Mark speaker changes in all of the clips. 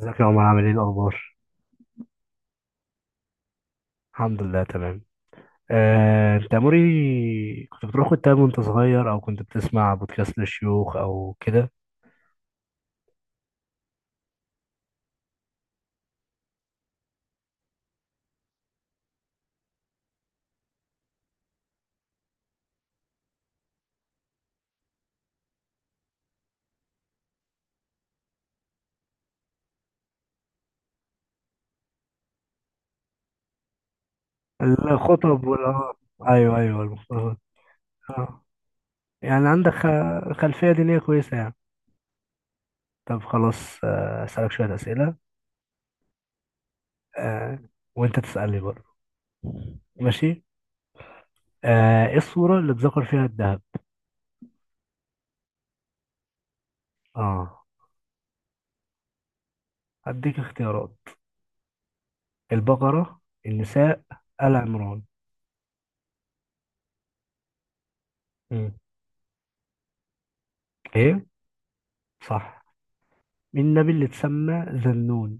Speaker 1: ازيك يا عمر؟ عامل ايه الاخبار؟ الحمد لله تمام. انت يا موري، كنت بتروح كتاب وانت صغير او كنت بتسمع بودكاست للشيوخ او كده؟ الخطب وال ايوه ايوه، المختارات. آه. يعني عندك خلفية دينية كويسة يعني. طب خلاص، اسالك شوية اسئلة، آه، وانت تسألني برضه. ماشي. ايه الصورة اللي اتذكر فيها الذهب؟ اه، هديك اختيارات: البقرة، النساء، آل عمران. مم. ايه، صح. مين النبي اللي اتسمى ذنون؟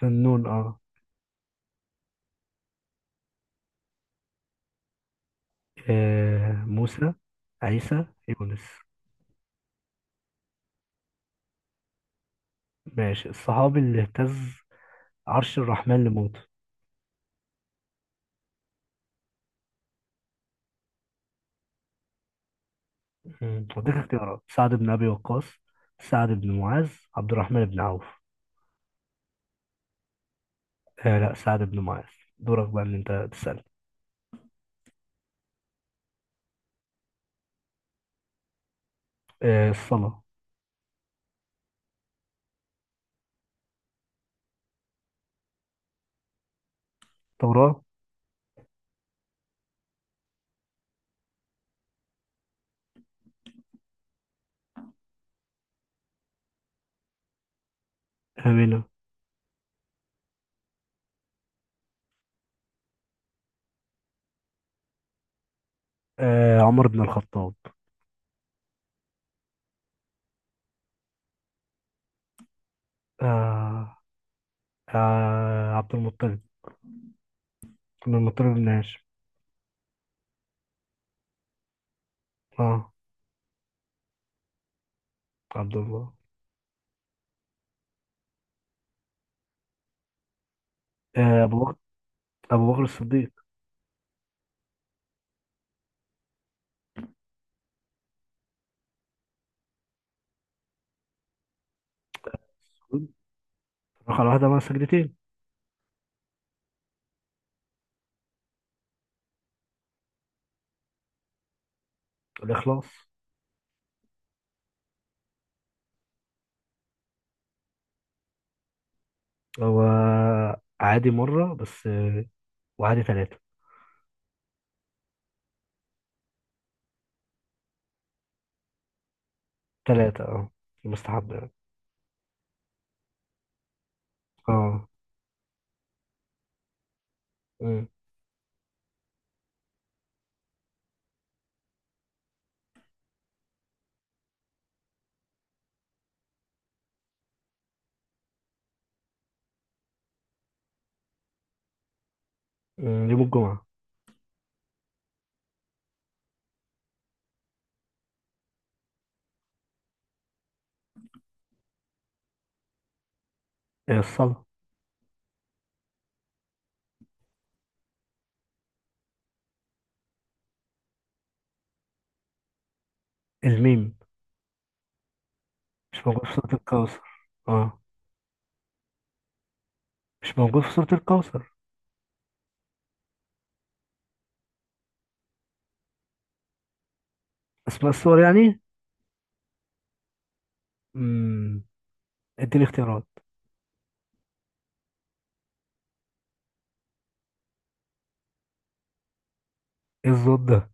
Speaker 1: ذنون، اه. موسى، عيسى، يونس؟ ماشي. الصحابي اللي اهتز عرش الرحمن لموته؟ مم. اديك اختيارات: سعد بن ابي وقاص، سعد بن معاذ، عبد الرحمن بن عوف. آه لا، سعد بن معاذ. دورك بقى ان انت تسأل. آه الصلاة. توراة. آمنة. آه عمر بن الخطاب. آه عبد المطلب، كنا المطر بن هاشم. اه عبد الله. ابو بكر، ابو بكر الصديق. رقم واحدة مع سجدتين. الإخلاص. هو عادي مرة بس، وعادي ثلاثة. ثلاثة اه، مستحب يعني. اه. أمم. يوم الجمعة. الصلاة. الميم، مش موجود في سورة الكوثر. اه، مش موجود في سورة الكوثر. أسماء السور يعني. امم اديني اختيارات. ايه الزود ده؟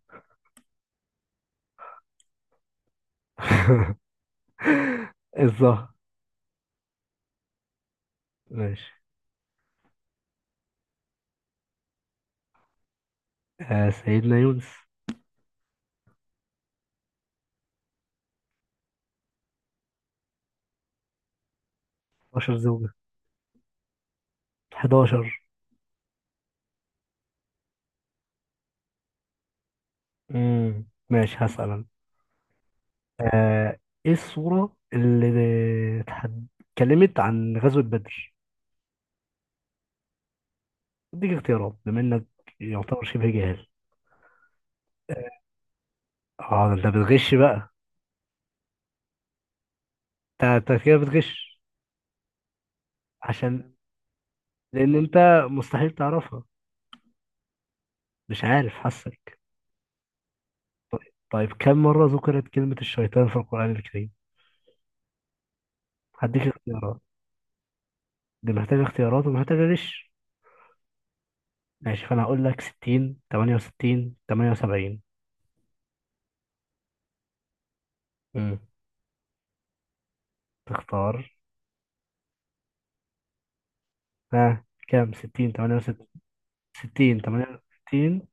Speaker 1: الظهر. ماشي. آه سيدنا يونس. 12 زوجة. 11. ماشي، هسأل أنا. آه، إيه الصورة اللي اتكلمت عن غزوة بدر؟ أديك اختيارات بما إنك يعتبر شبه جاهل. أه ده أنت بتغش بقى. أنت أنت كده بتغش. عشان، لأن أنت مستحيل تعرفها، مش عارف، حاسك. طيب كم مرة ذكرت كلمة الشيطان في القرآن الكريم؟ هديك اختيارات. دي محتاجة اختيارات ومحتاجة غش. ماشي، فأنا هقول لك 60، 68، 78. امم تختار؟ ها كام؟ 60، 68؟ 60، 68؟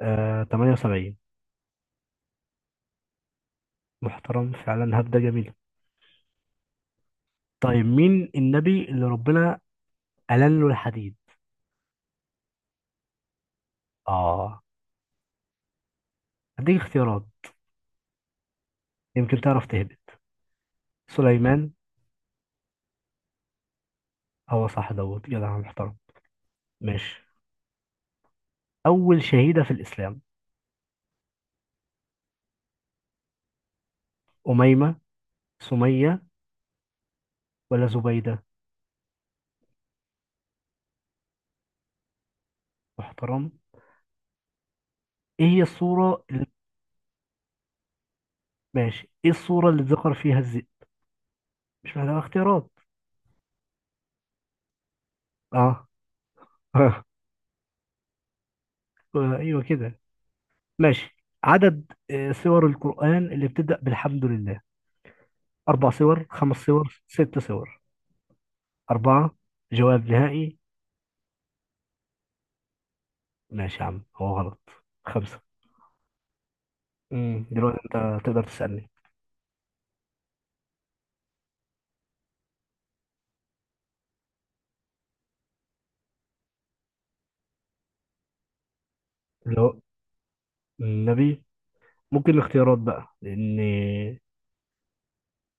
Speaker 1: آه 78. محترم فعلا، هبدة جميلة. طيب مين النبي اللي ربنا ألن له الحديد؟ اه هديك اختيارات يمكن تعرف تهبط: سليمان؟ هو صح، دوت جدع محترم. ماشي. أول شهيدة في الإسلام: أميمة، سمية، ولا زبيدة؟ محترم. إيه هي الصورة اللي... ماشي، إيه الصورة اللي ذكر فيها الذئب؟ مش محتاجة اختيارات. اه. ايوه كده. ماشي. عدد سور القرآن اللي بتبدأ بالحمد لله: أربع سور، خمس سور، ست سور؟ أربعة. جواب نهائي؟ ماشي يا عم، هو غلط. خمسة. دلوقتي أنت تقدر تسألني. اللي هو النبي. ممكن الاختيارات بقى، لأني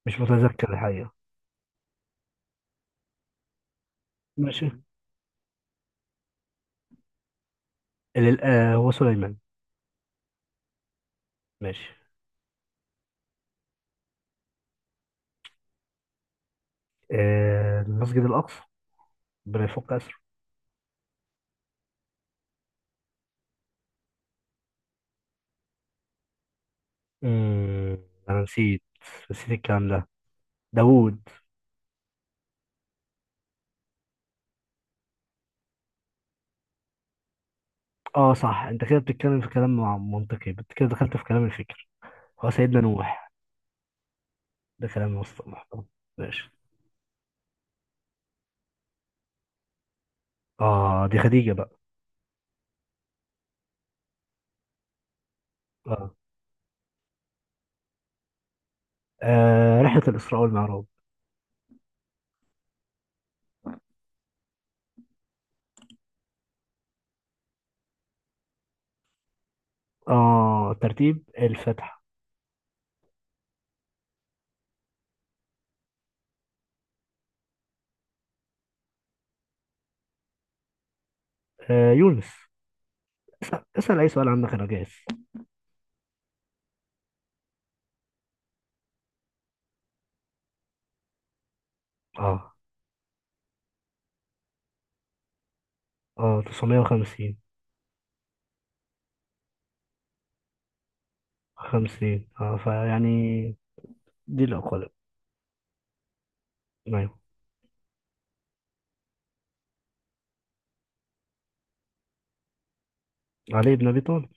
Speaker 1: مش متذكر الحقيقة. ماشي. اللي هو سليمان. ماشي. المسجد الأقصى، ربنا يفك أسره. امم أنا نسيت، نسيت الكلام ده. داوود. اه صح، انت كده بتتكلم في كلام منطقي كده دخلت في كلام الفكر. هو سيدنا نوح. ده كلام وسط محترم. ماشي. اه دي خديجة بقى. اه, آه رحلة الإسراء والمعراج. اه ترتيب الفتح. آه يونس. اسأل, اسأل أي سؤال عندك، أنا جاهز. اه. اه 950. 50 اه فيعني، دي الأقوال. أيوه. علي بن أبي طالب.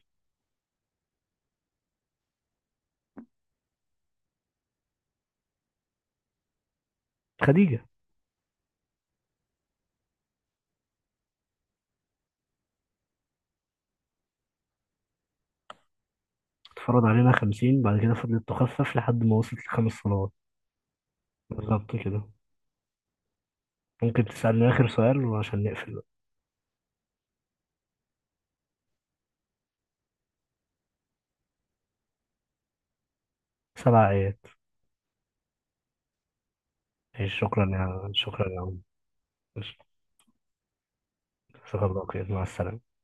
Speaker 1: خديجة. اتفرض علينا 50، بعد كده فضلت تخفف لحد ما وصلت لخمس صلوات. بالظبط كده. ممكن تسألني آخر سؤال وعشان نقفل بقى. 7 آيات. ماشي، شكرا يا، شكرا يا عم. شكرا لك، مع السلامة.